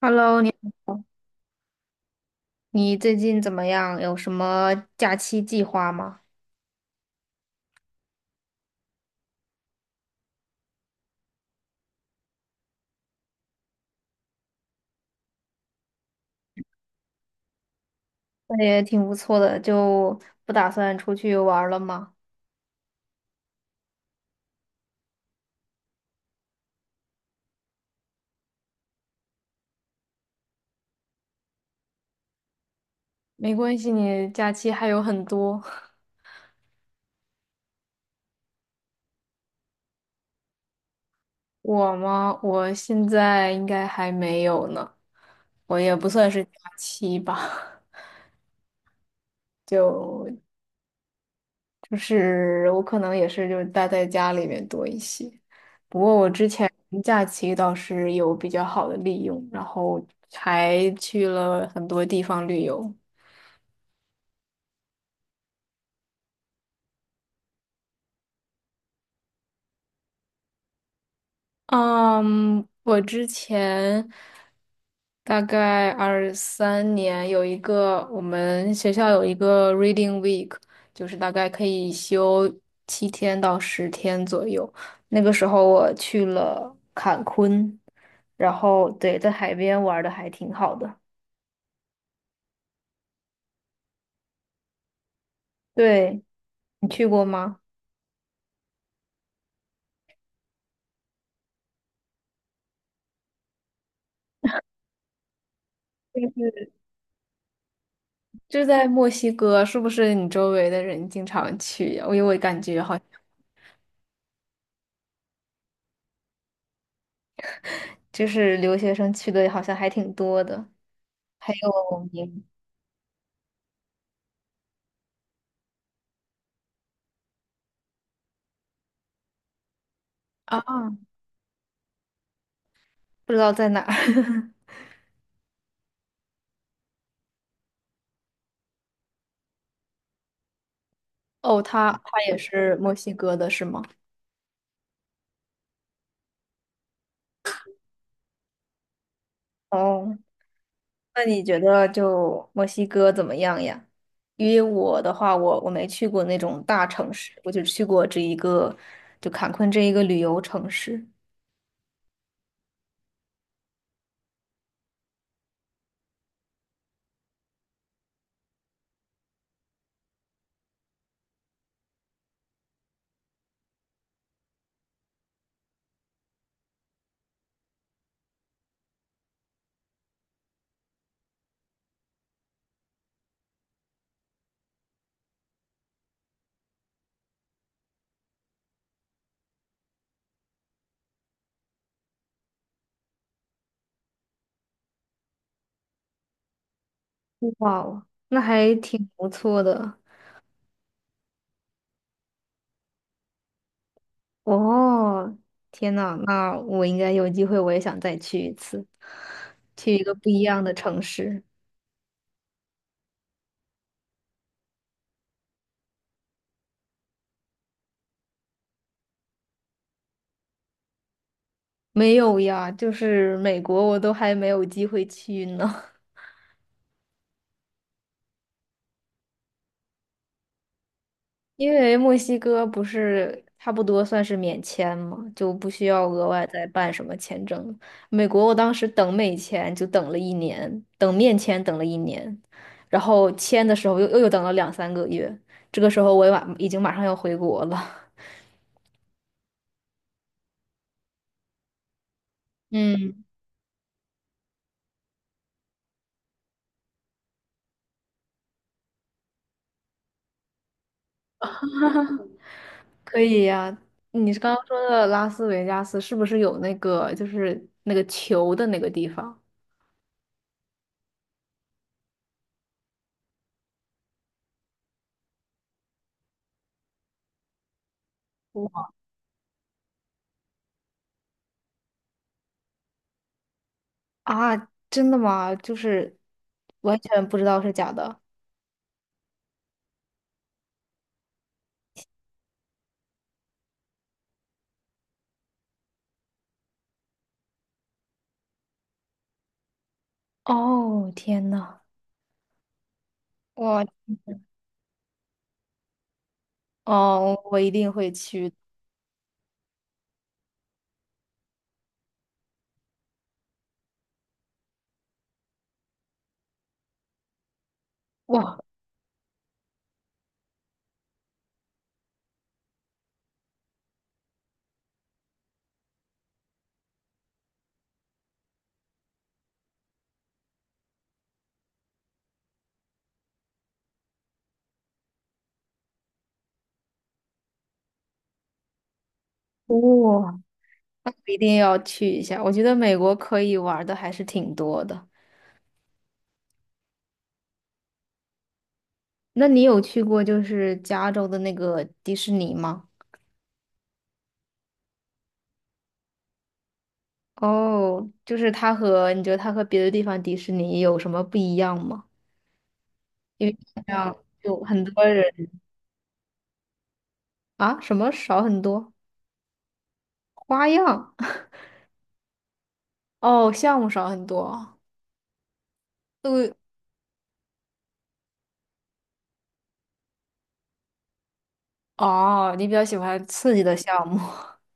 Hello，你好，你最近怎么样？有什么假期计划吗？那也挺不错的，就不打算出去玩儿了吗？没关系，你假期还有很多。我吗？我现在应该还没有呢，我也不算是假期吧。就就是我可能也是就是待在家里面多一些。不过我之前假期倒是有比较好的利用，然后还去了很多地方旅游。嗯，我之前大概23年有一个我们学校有一个 Reading Week，就是大概可以休7到10天左右。那个时候我去了坎昆，然后对，在海边玩的还挺好的。对，你去过吗？就是就在墨西哥，是不是你周围的人经常去呀？因为我感觉好像就是留学生去的，好像还挺多的。还有你啊，不知道在哪儿。哦，他也是墨西哥的，是吗？哦，那你觉得就墨西哥怎么样呀？因为我的话，我没去过那种大城市，我就去过这一个，就坎昆这一个旅游城市。哇哦，那还挺不错的。哦，天呐，那我应该有机会，我也想再去一次，去一个不一样的城市。没有呀，就是美国我都还没有机会去呢。因为墨西哥不是差不多算是免签嘛，就不需要额外再办什么签证。美国我当时等美签就等了一年，等面签等了一年，然后签的时候又等了2、3个月，这个时候我也已经马上要回国了。嗯，可以呀。你刚刚说的拉斯维加斯是不是有那个就是那个球的那个地方？啊，真的吗？就是完全不知道是假的。哦，天呐，我哦，我一定会去。哇，哇、那我一定要去一下。我觉得美国可以玩的还是挺多的。那你有去过就是加州的那个迪士尼吗？哦，就是你觉得它和别的地方迪士尼有什么不一样吗？因为这样有很多人啊，什么少很多花样。 哦，项目少很多。哦，你比较喜欢刺激的项目。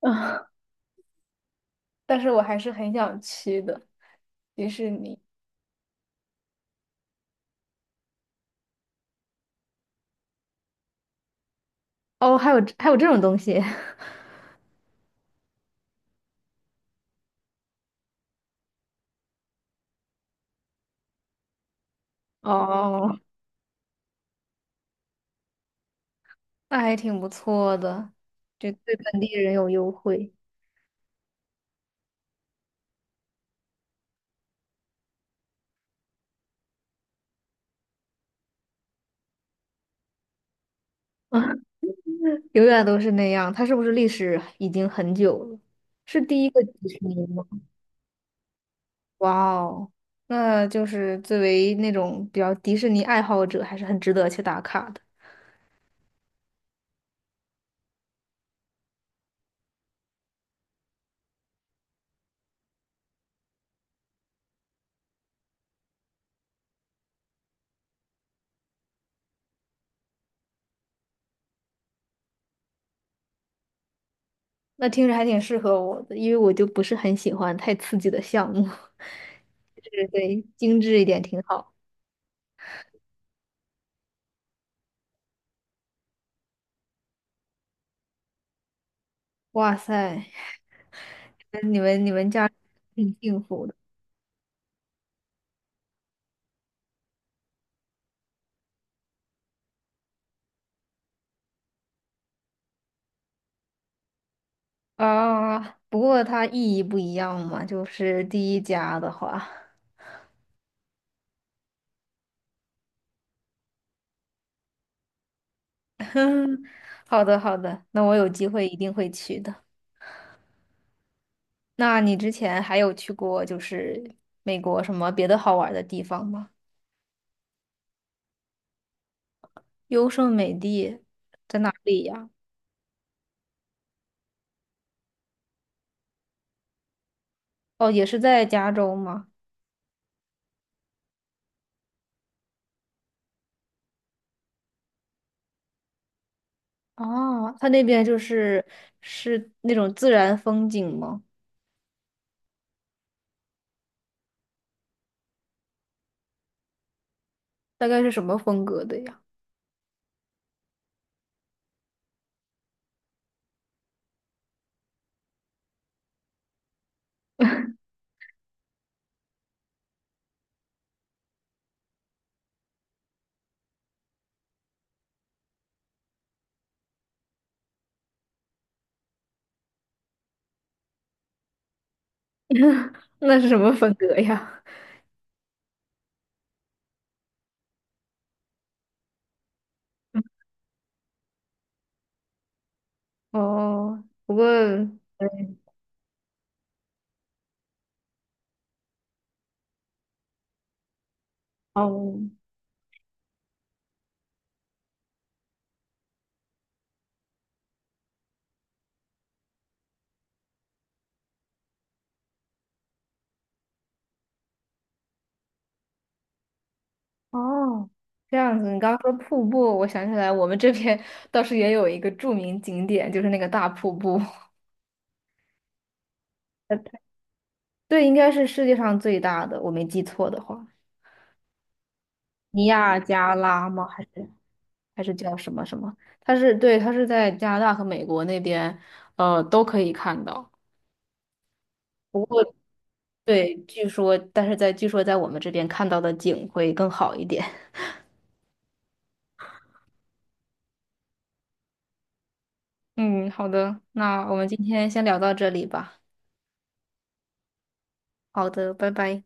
嗯，但是我还是很想去的，迪士尼。哦，还有这种东西。哦，那还挺不错的，就对本地人有优惠。永远都是那样，它是不是历史已经很久了？是第一个迪士尼吗？哇哦，那就是作为那种比较迪士尼爱好者，还是很值得去打卡的。那听着还挺适合我的，因为我就不是很喜欢太刺激的项目。对对，精致一点挺好。哇塞，挺幸福的啊！不过它意义不一样嘛，就是第一家的话。好的好的，那我有机会一定会去的。那你之前还有去过就是美国什么别的好玩的地方吗？优胜美地在哪里呀？哦，也是在加州吗？哦，它那边是那种自然风景吗？大概是什么风格的呀？那是什么风格呀？哦，不过哦哦，这样子。你刚刚说瀑布，我想起来，我们这边 倒是也有一个著名景点，就是那个大瀑布。呃对，应该是世界上最大的，我没记错的话。尼亚加拉吗？还是叫什么什么？它是对，它是在加拿大和美国那边，都可以看到。不过对，据说，但是据说在我们这边看到的景会更好一点。嗯，好的，那我们今天先聊到这里吧。好的，拜拜。